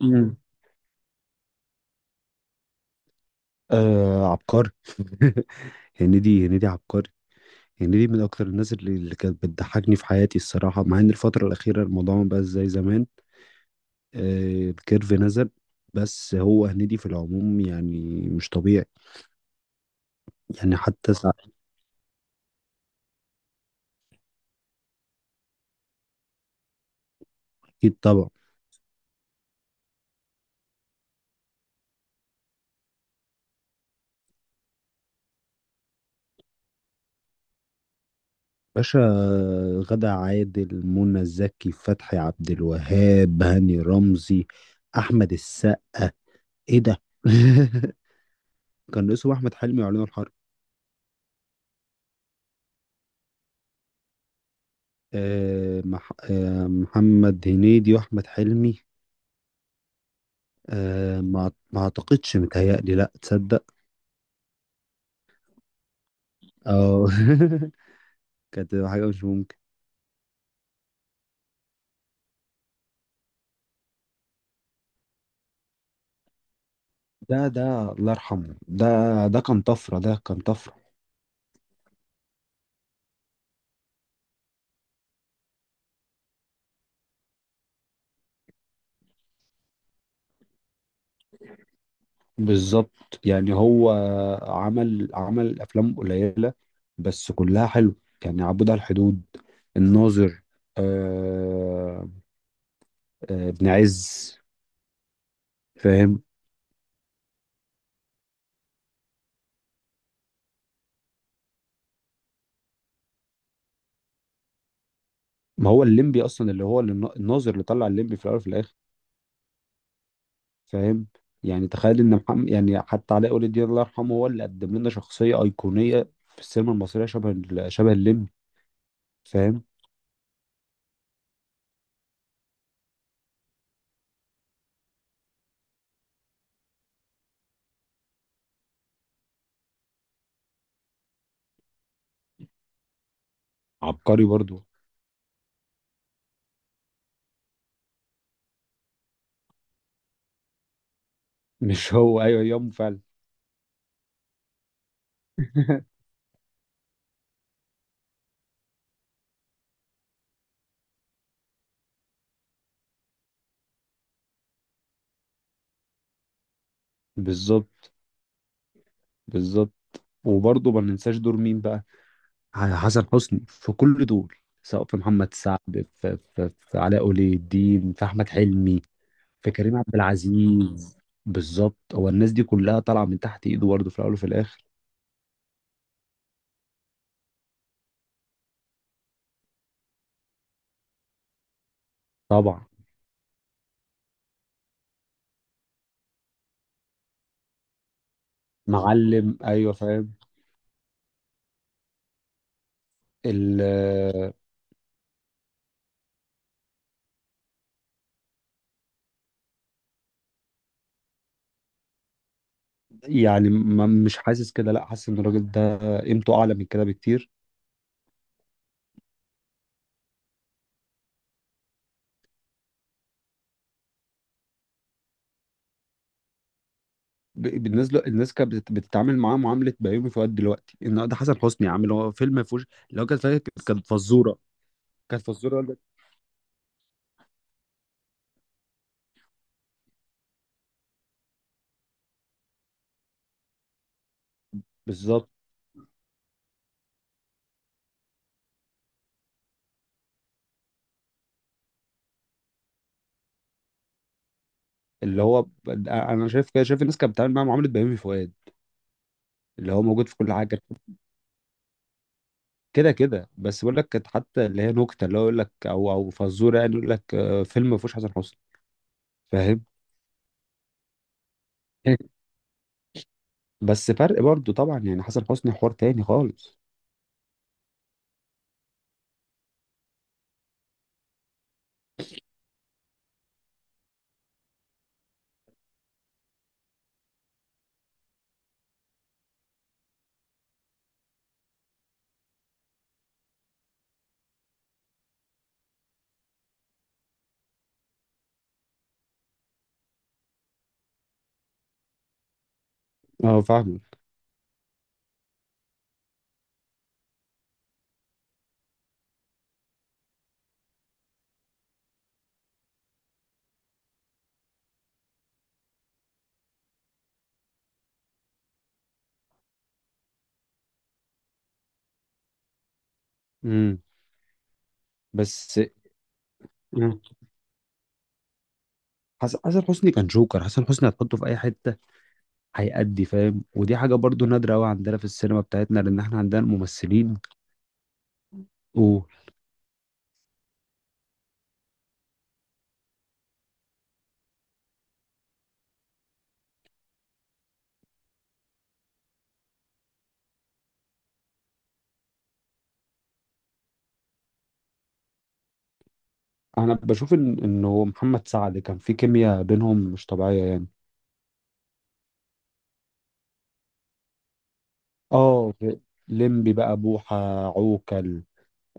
مم. آه عبقري. هنيدي. هنيدي عبقري. هنيدي من اكتر الناس اللي كانت بتضحكني في حياتي الصراحه، مع ان الفتره الاخيره الموضوع ما بقاش زي زمان. آه الكيرف نزل. بس هو هنيدي في العموم يعني مش طبيعي. يعني حتى. اكيد طبعا باشا. غادة عادل، منى زكي، فتحي عبد الوهاب، هاني رمزي، احمد السقا. ايه ده؟ كان اسمه احمد حلمي وعلينا الحرب. آه، محمد هنيدي واحمد حلمي. آه، ما اعتقدش، متهيألي لا، تصدق. اه. كانت تبقى حاجة مش ممكن. ده الله يرحمه ده. ده كان طفرة، ده كان طفرة. بالظبط. يعني هو عمل أفلام قليلة بس كلها حلو. يعني عبود على الحدود، الناظر، آه ابن عز. فاهم. ما هو الليمبي أصلا اللي هو الناظر اللي طلع الليمبي في الأول وفي الآخر. فاهم. يعني تخيل ان محمد، يعني حتى علاء ولي الدين الله يرحمه، هو اللي قدم لنا شخصيه ايقونيه في السينما المصريه شبه الليمبي. فاهم. عبقري برضو. مش هو، ايوه، يوم فعلا. بالظبط. بالظبط. وبرضه ما ننساش دور مين بقى. حسن حسني في كل دور سواء في محمد سعد، في علاء ولي الدين، في احمد حلمي، في كريم عبد العزيز. بالظبط، هو الناس دي كلها طالعه من تحت ايده برضه في الاول وفي الاخر. طبعا. معلم، ايوه، فاهم. ال يعني مش حاسس كده، لا حاسس ان الراجل ده قيمته اعلى من كده بكتير. بالنسبه الناس كانت بتتعامل معاه معامله بيومي فؤاد دلوقتي، ان ده حسن حسني يا عم، اللي هو فيلم ما فيهوش، اللي هو كانت فاكر، كانت فزوره. كانت فزوره بجد. بالظبط. اللي هو انا شايف كده، شايف الناس كانت بتتعامل معاه معامله بيومي فؤاد اللي هو موجود في كل حاجه. كده كده، بس بقول لك كانت حتى اللي هي نكته اللي هو يقول لك، او او فزوره، يعني يقول لك آه، فيلم ما فيهوش حسن حسني. فاهم. بس فرق برضو طبعا، يعني حسن حسني حوار تاني خالص. اه فاهمك. امم بس. مم. حسن حسني كان جوكر، حسن حسني هتحطه في اي حته هيأدي، فاهم، ودي حاجه برضو نادره قوي عندنا في السينما بتاعتنا، لان احنا عندنا الممثلين. وانا بشوف ان انه محمد سعد كان في كيمياء بينهم مش طبيعيه يعني. اه ليمبي بقى، بوحه، عوكل،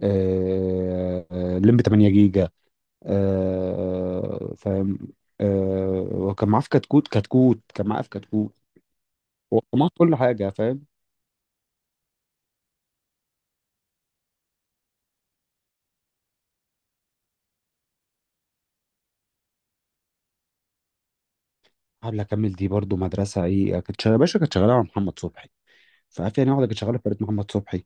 ليمبي 8 جيجا، فاهم، وكان معاه في كتكوت. كتكوت كان معاه في كتكوت، وكان معاه في كل حاجه، فاهم. قبل اكمل، دي برضو مدرسه، ايه، كانت شغاله باشا، كانت شغاله مع محمد صبحي. فعارف يعني واحده كانت شغاله في فرقه محمد صبحي.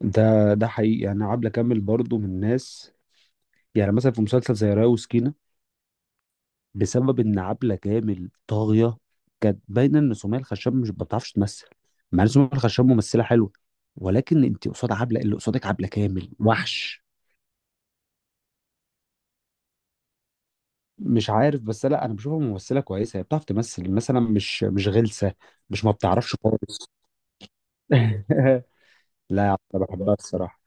ده حقيقي، يعني عبله كامل برضو من الناس. يعني مثلا في مسلسل زي رايه وسكينه، بسبب ان عبله كامل طاغيه، كانت باينه ان سمية الخشاب مش ما بتعرفش تمثل، مع ان سمية الخشاب ممثله حلوه، ولكن انت قصاد عبله، اللي قصادك عبله كامل وحش. مش عارف، بس لا انا بشوفها ممثله كويسه، هي بتعرف تمثل مثلا، مش غلسه، مش ما بتعرفش خالص. لا يا عبله، بحبها الصراحه.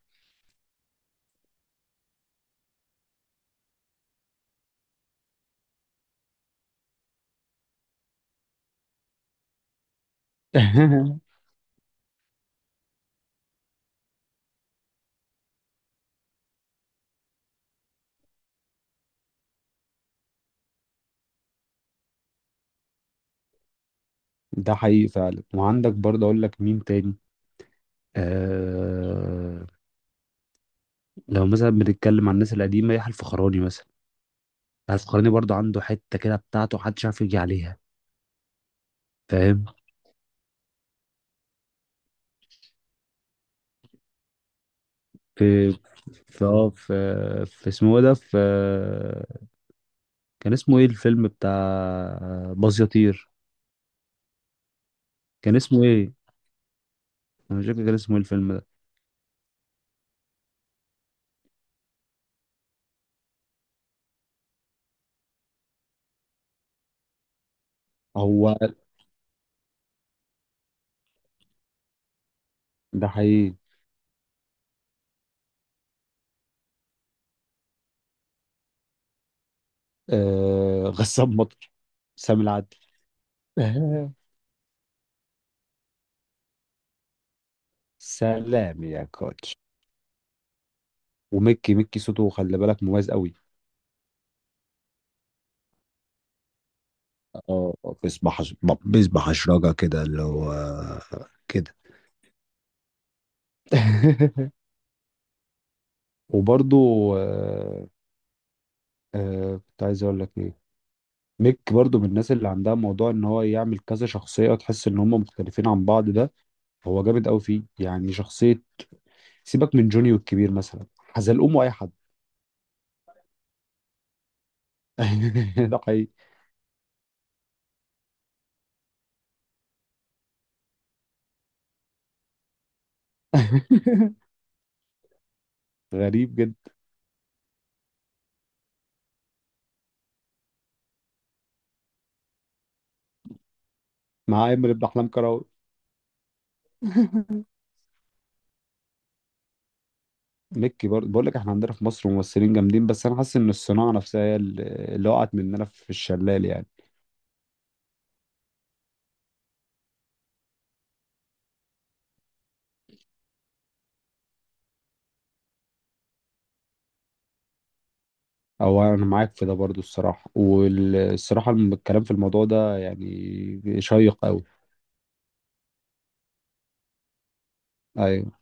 ده حقيقي فعلا. وعندك برضه اقول لك مين تاني؟ آه، لو مثلا بنتكلم عن الناس القديمه، يحيى الفخراني مثلا. يحيى الفخراني برضه عنده حته كده بتاعته محدش عارف يجي عليها، فاهم. في في اه في في اسمه ايه ده، كان اسمه ايه الفيلم بتاع باز يطير؟ كان اسمه ايه؟ انا مش فاكر كان اسمه ايه الفيلم ده. هو ده حقيقي. غسان مطر، سامي العدل. آه، سلام يا كوتش. وميكي. ميكي صوته خلي بالك مميز قوي. اه، بيسبح، بيسبح اشراجة كده، اللي هو كده. وبرضو آه، كنت عايز اقول لك ايه؟ ميك برضو من الناس اللي عندها موضوع ان هو يعمل كذا شخصية، تحس ان هم مختلفين عن بعض، ده هو جامد قوي فيه يعني، شخصية. سيبك من جوني والكبير مثلا، حزلقوم واي حد. ده حقيقي. غريب جدا. مع عامر ابن احلام كراوي. مكي برضه بقول لك احنا عندنا في مصر ممثلين جامدين، بس انا حاسس ان الصناعه نفسها هي اللي وقعت مننا في الشلال يعني. او انا معاك في ده برضه الصراحه، والصراحه الكلام في الموضوع ده يعني شيق قوي. ايوه.